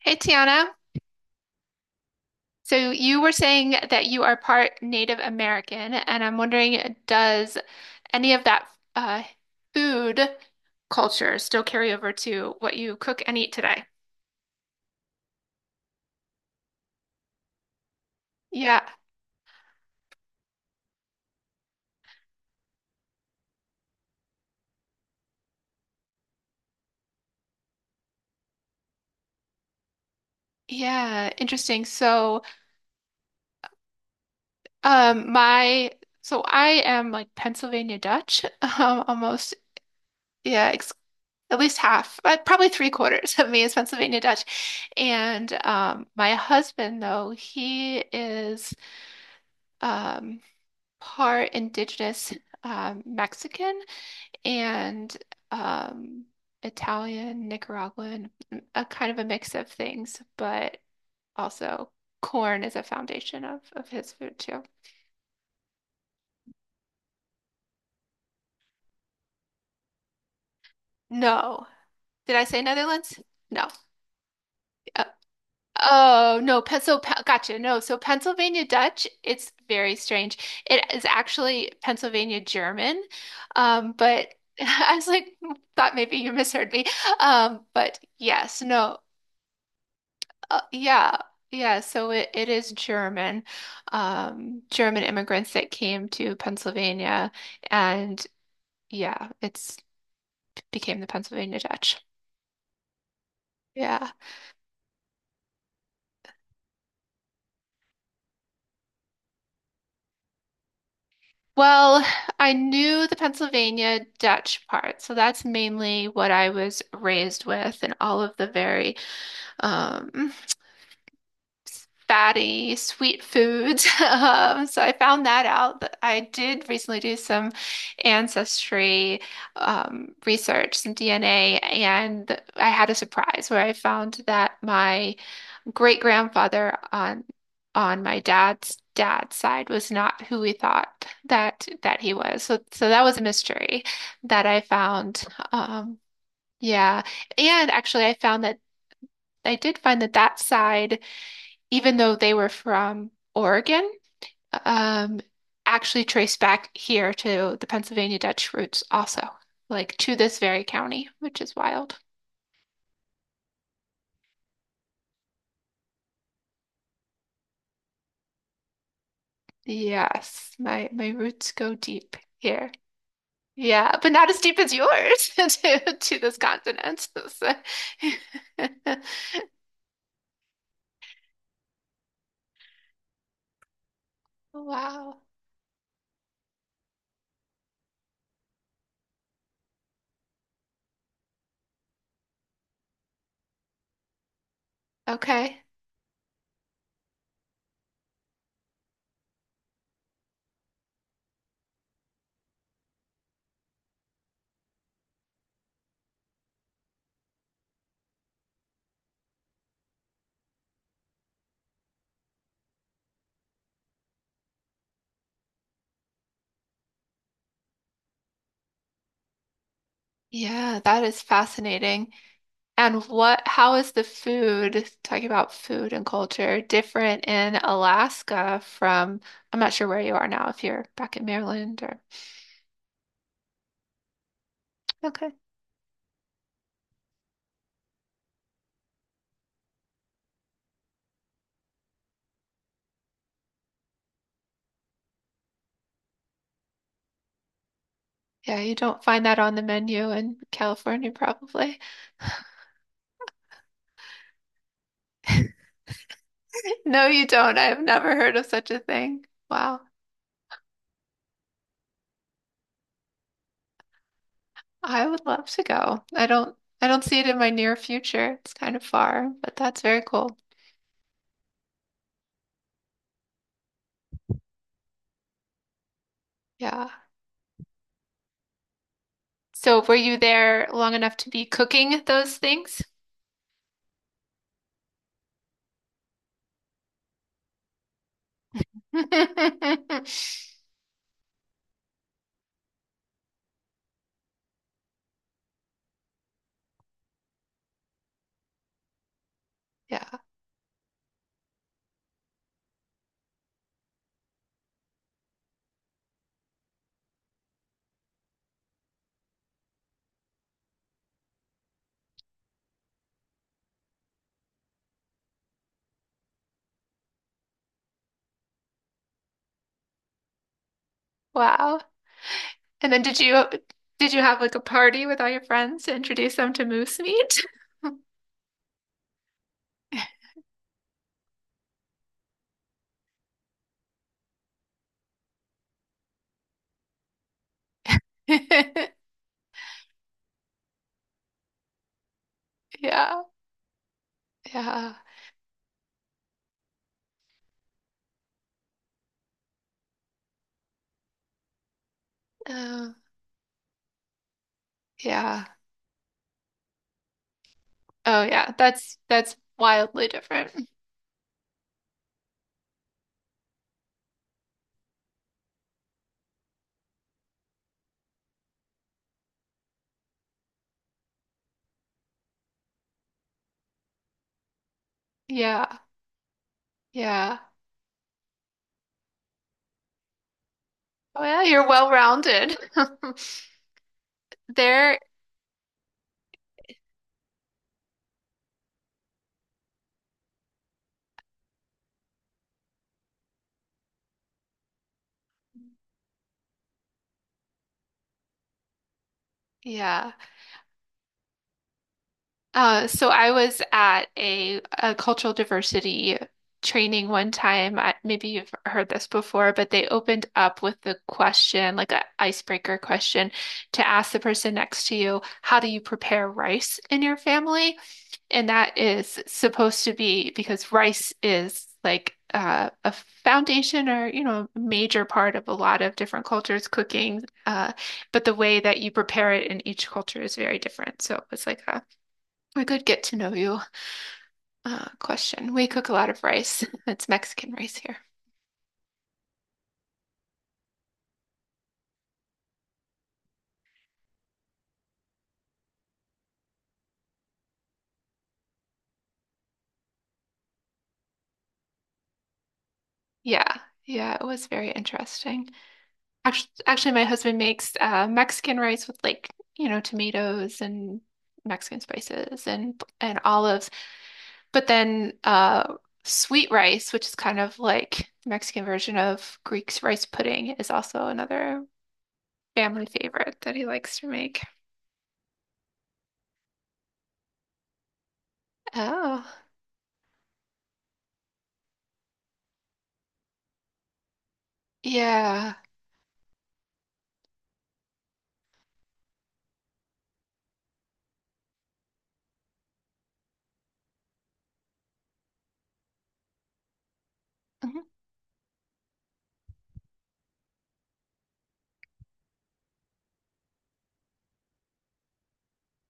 Hey Tiana, so you were saying that you are part Native American, and I'm wondering, does any of that uh, food culture still carry over to what you cook and eat today? Yeah, yeah, interesting. So, my so I am like Pennsylvania Dutch, almost, yeah, ex at least half, but probably three-quarters of me is Pennsylvania Dutch, and my husband though he is. Um, Part indigenous Mexican and um, Italian, Nicaraguan, a kind of a mix of things, but also corn is a foundation of his food too. No. Did I say Netherlands? No. Uh, oh, no. Gotcha. No. So, Pennsylvania Dutch, it's very strange. It is actually Pennsylvania German, but I was like, thought maybe you misheard me. But yes, no. Yeah, yeah. So it is German, German immigrants that came to Pennsylvania, and yeah, it's became the Pennsylvania Dutch. Yeah. Well, I knew the Pennsylvania Dutch part, so that's mainly what I was raised with, and all of the very um, fatty, sweet foods. So I found that out. But I did recently do some ancestry research, some DNA, and I had a surprise where I found that my great grandfather on my dad's dad's side was not who we thought that he was. So that was a mystery that I found. Um, yeah, and actually I found that. I did find that that side even though they were from Oregon, um, actually trace back here to the Pennsylvania Dutch roots also, like to this very county, which is wild. Yes, my roots go deep here. Yeah, but not as deep as yours to this continent. So- Wow. Okay. Yeah, that is fascinating. And what, how is the food, talking about food and culture, different in Alaska from, I'm not sure where you are now, if you're back in Maryland or, okay. Yeah, you don't find that on the menu in California, probably. No, you don't. I have never heard of such a thing. Wow. I would love to go. I don't see it in my near future. It's kind of far, but that's very cool. Yeah. So were you there long enough to be cooking those things? Yeah. Wow. And then did you have like a party with all your friends to introduce them to moose meat? Yeah. Yeah. Oh, yeah. Oh, yeah. That's wildly different. Yeah. Yeah. Oh, yeah, you're well-rounded. There, yeah. So I was at a cultural diversity training one time. I, maybe you've heard this before, but they opened up with the question, like an icebreaker question, to ask the person next to you, how do you prepare rice in your family? And that is supposed to be because rice is like a foundation or, you know, a major part of a lot of different cultures' cooking. But the way that you prepare it in each culture is very different. So it's like a good get to know you question. We cook a lot of rice. It's Mexican rice here. Yeah, yeah, it was very interesting. Actually, my husband makes Mexican rice with like, you know, tomatoes and Mexican spices and olives, but then sweet rice, which is kind of like the Mexican version of Greek's rice pudding, is also another family favorite that he likes to make. Oh, yeah, Mhm,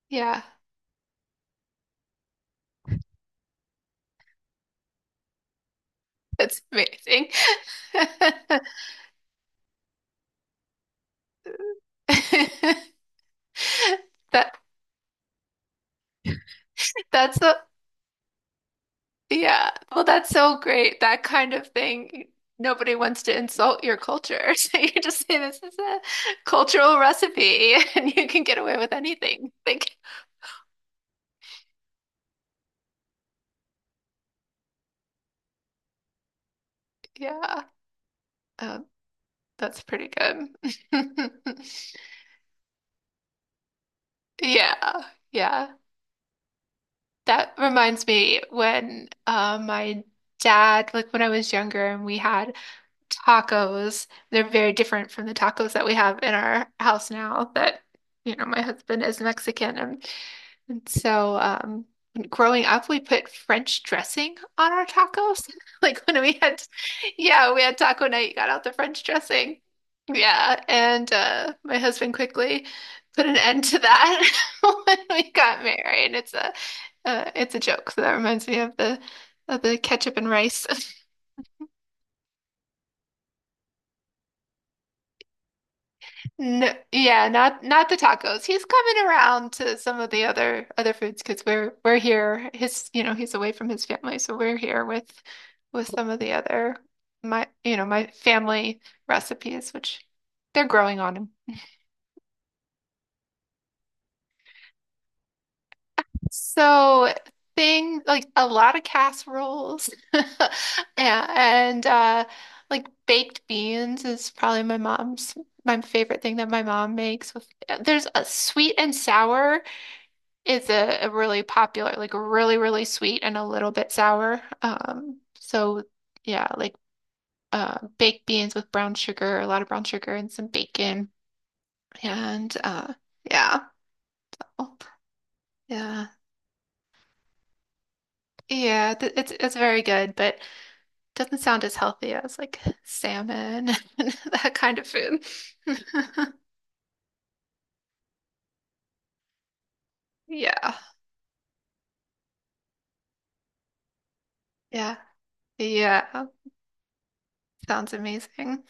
yeah, that's amazing. That that's a yeah. Well, that's so great. That kind of thing. Nobody wants to insult your culture. So you just say this is a cultural recipe and you can get away with anything. Like, yeah. Um, that's pretty good. Yeah. Yeah. That reminds me when my dad, like when I was younger and we had tacos. They're very different from the tacos that we have in our house now that, you know, my husband is Mexican. And so, um, Growing up, we put French dressing on our tacos. Like when we had, yeah, we had taco night, you got out the French dressing. Yeah. And my husband quickly put an end to that when we got married. It's a joke. So that reminds me of the ketchup and rice. No, yeah, not not the tacos. He's coming around to some of the other foods because we're here. His, you know, he's away from his family, so we're here with some of the other my, you know, my family recipes, which they're growing on him. So thing like a lot of casseroles, yeah, and like baked beans is probably my favorite thing that my mom makes with there's a sweet and sour. It's a really popular, like really, really sweet and a little bit sour. So yeah, like baked beans with brown sugar, a lot of brown sugar and some bacon, and yeah, Oh, yeah, yeah. th- it's very good, but doesn't sound as healthy as like salmon and that kind of food. Yeah, yeah, yeah. Sounds amazing.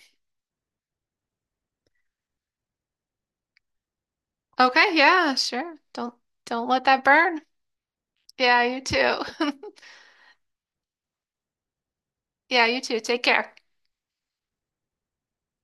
Okay, yeah, sure. Don't let that burn. Yeah, you too. Yeah, you too. Take care.